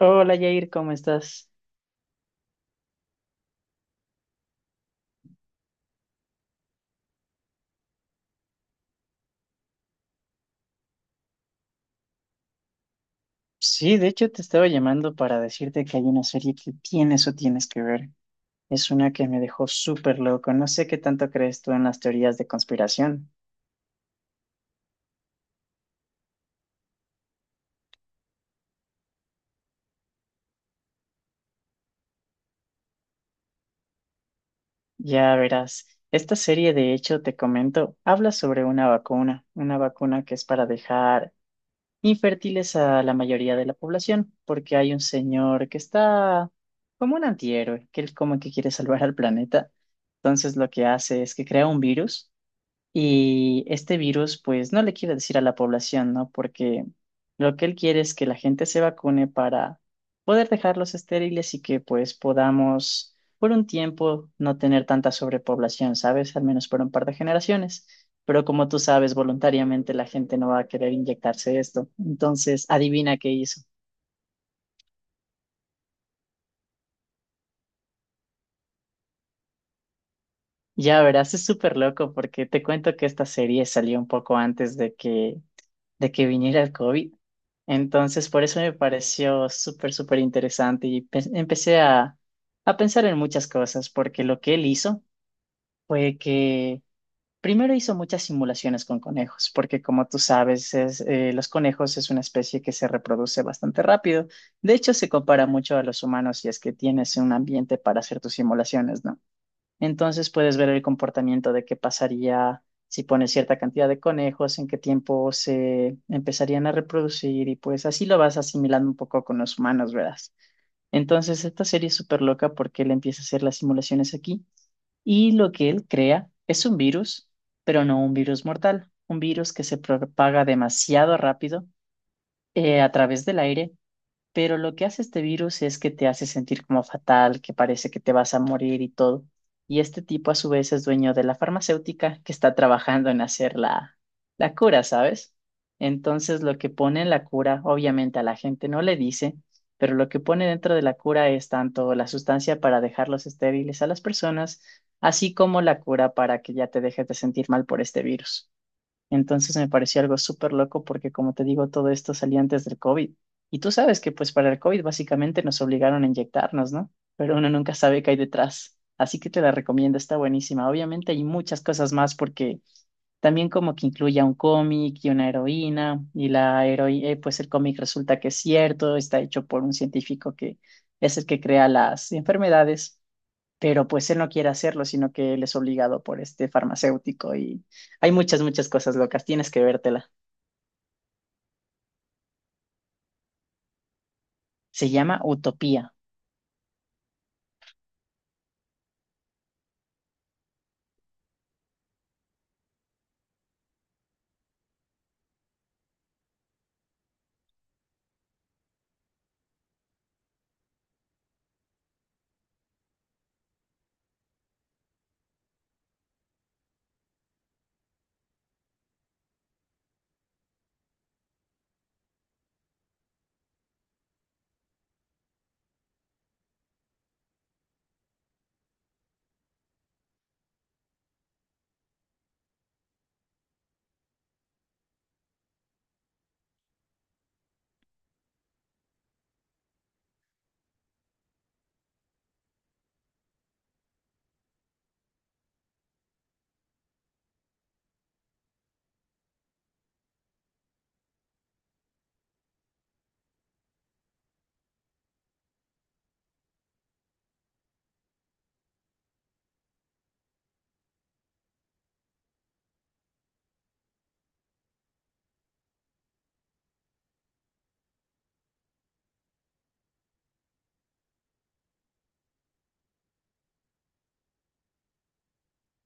Hola Jair, ¿cómo estás? Sí, de hecho te estaba llamando para decirte que hay una serie que tienes que ver. Es una que me dejó súper loco. No sé qué tanto crees tú en las teorías de conspiración. Ya verás, esta serie de hecho te comento, habla sobre una vacuna que es para dejar infértiles a la mayoría de la población, porque hay un señor que está como un antihéroe, que él como que quiere salvar al planeta. Entonces lo que hace es que crea un virus. Y este virus, pues, no le quiere decir a la población, ¿no? Porque lo que él quiere es que la gente se vacune para poder dejarlos estériles y que, pues, podamos por un tiempo no tener tanta sobrepoblación, ¿sabes? Al menos por un par de generaciones. Pero como tú sabes, voluntariamente la gente no va a querer inyectarse esto. Entonces, adivina qué hizo. Ya verás, es súper loco porque te cuento que esta serie salió un poco antes de que viniera el COVID. Entonces, por eso me pareció súper interesante y empecé a pensar en muchas cosas, porque lo que él hizo fue que primero hizo muchas simulaciones con conejos, porque como tú sabes, los conejos es una especie que se reproduce bastante rápido. De hecho, se compara mucho a los humanos si es que tienes un ambiente para hacer tus simulaciones, ¿no? Entonces puedes ver el comportamiento de qué pasaría si pones cierta cantidad de conejos, en qué tiempo se empezarían a reproducir y pues así lo vas asimilando un poco con los humanos, ¿verdad? Entonces esta serie es súper loca porque él empieza a hacer las simulaciones aquí y lo que él crea es un virus, pero no un virus mortal, un virus que se propaga demasiado rápido a través del aire, pero lo que hace este virus es que te hace sentir como fatal, que parece que te vas a morir y todo. Y este tipo a su vez es dueño de la farmacéutica que está trabajando en hacer la, la cura, ¿sabes? Entonces lo que pone en la cura, obviamente a la gente no le dice, pero lo que pone dentro de la cura es tanto la sustancia para dejarlos estériles a las personas, así como la cura para que ya te dejes de sentir mal por este virus. Entonces me pareció algo súper loco porque, como te digo, todo esto salía antes del COVID. Y tú sabes que pues para el COVID básicamente nos obligaron a inyectarnos, ¿no? Pero uno nunca sabe qué hay detrás. Así que te la recomiendo, está buenísima. Obviamente hay muchas cosas más porque también como que incluye a un cómic y una heroína, y la heroína, pues el cómic resulta que es cierto, está hecho por un científico que es el que crea las enfermedades, pero pues él no quiere hacerlo, sino que él es obligado por este farmacéutico y hay muchas, muchas cosas locas, tienes que vértela. Se llama Utopía.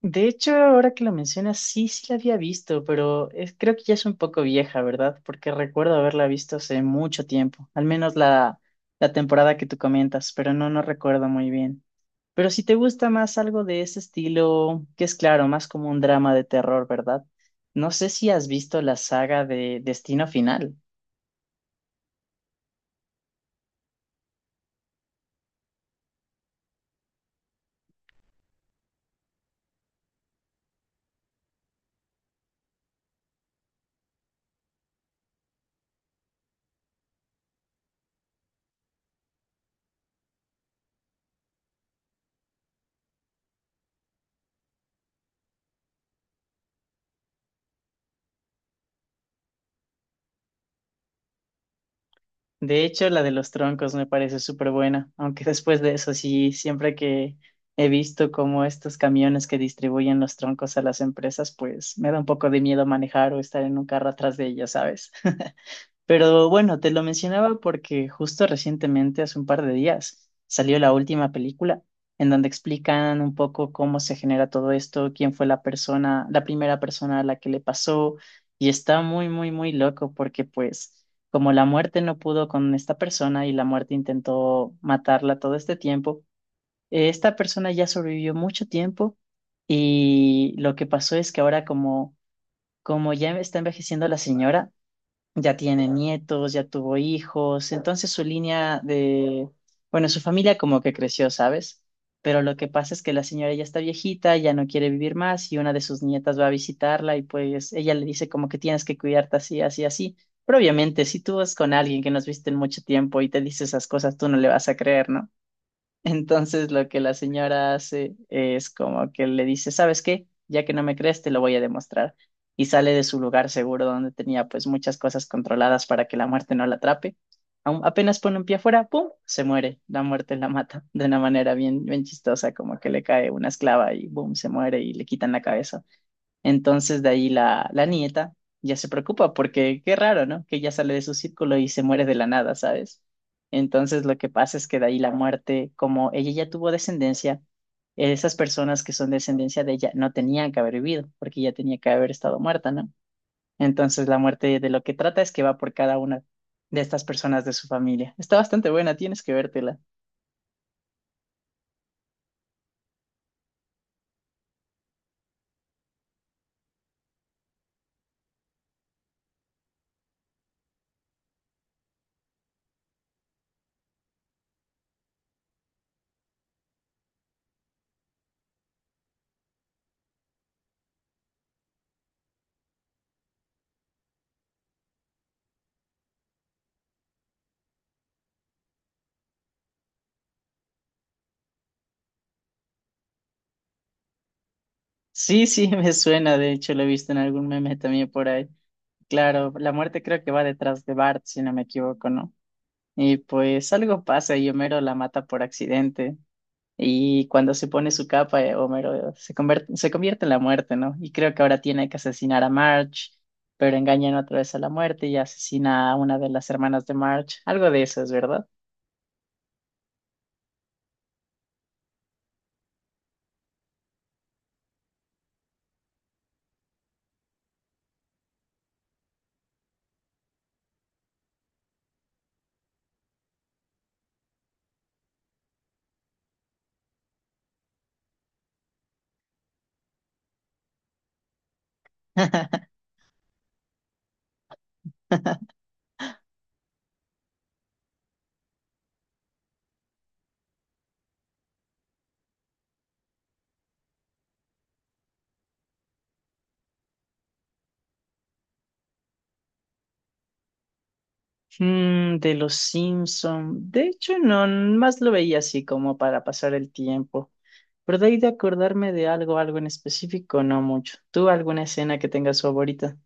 De hecho, ahora que lo mencionas, sí, sí la había visto, pero creo que ya es un poco vieja, ¿verdad? Porque recuerdo haberla visto hace mucho tiempo, al menos la, la temporada que tú comentas, pero no, no recuerdo muy bien. Pero si te gusta más algo de ese estilo, que es claro, más como un drama de terror, ¿verdad? No sé si has visto la saga de Destino Final. De hecho, la de los troncos me parece súper buena, aunque después de eso sí, siempre que he visto como estos camiones que distribuyen los troncos a las empresas, pues me da un poco de miedo manejar o estar en un carro atrás de ellas, ¿sabes? Pero bueno, te lo mencionaba porque justo recientemente, hace un par de días, salió la última película en donde explican un poco cómo se genera todo esto, quién fue la persona, la primera persona a la que le pasó, y está muy, muy, muy loco porque pues como la muerte no pudo con esta persona y la muerte intentó matarla todo este tiempo, esta persona ya sobrevivió mucho tiempo y lo que pasó es que ahora como, como ya está envejeciendo la señora, ya tiene nietos, ya tuvo hijos, entonces su línea de, bueno, su familia como que creció, ¿sabes? Pero lo que pasa es que la señora ya está viejita, ya no quiere vivir más y una de sus nietas va a visitarla y pues ella le dice como que tienes que cuidarte así, así, así. Pero obviamente, si tú vas con alguien que nos viste en mucho tiempo y te dice esas cosas, tú no le vas a creer, ¿no? Entonces lo que la señora hace es como que le dice, ¿sabes qué? Ya que no me crees, te lo voy a demostrar. Y sale de su lugar seguro donde tenía pues muchas cosas controladas para que la muerte no la atrape. Apenas pone un pie afuera, ¡pum! Se muere. La muerte la mata de una manera bien, bien chistosa, como que le cae una esclava y ¡boom! Se muere y le quitan la cabeza. Entonces de ahí la, la nieta ya se preocupa porque qué raro, ¿no? Que ya sale de su círculo y se muere de la nada, ¿sabes? Entonces lo que pasa es que de ahí la muerte, como ella ya tuvo descendencia, esas personas que son descendencia de ella no tenían que haber vivido porque ya tenía que haber estado muerta, ¿no? Entonces la muerte de lo que trata es que va por cada una de estas personas de su familia. Está bastante buena, tienes que vértela. Sí, sí, me suena, de hecho lo he visto en algún meme también por ahí. Claro, la muerte creo que va detrás de Bart, si no me equivoco, ¿no? Y pues algo pasa y Homero la mata por accidente. Y cuando se pone su capa, Homero se convierte en la muerte, ¿no? Y creo que ahora tiene que asesinar a Marge, pero engañan otra vez a la muerte y asesina a una de las hermanas de Marge. Algo de eso es, ¿verdad? De los Simpson. De hecho, no, más lo veía así como para pasar el tiempo. Pero de ahí de acordarme de algo, algo en específico, no mucho. ¿Tú alguna escena que tengas favorita?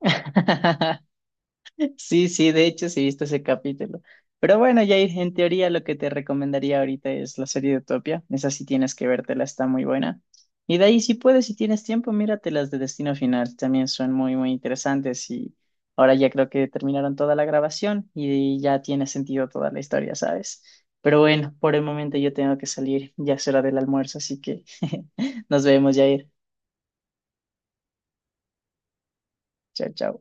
Sí, sí, de hecho sí he visto ese capítulo. Pero bueno, Jair, en teoría lo que te recomendaría ahorita es la serie de Utopia. Esa sí tienes que vértela, está muy buena. Y de ahí, si puedes, si tienes tiempo, mírate las de Destino Final. También son muy, muy interesantes. Y ahora ya creo que terminaron toda la grabación y ya tiene sentido toda la historia, ¿sabes? Pero bueno, por el momento yo tengo que salir. Ya es hora del almuerzo, así que nos vemos, Jair. Chao, chao.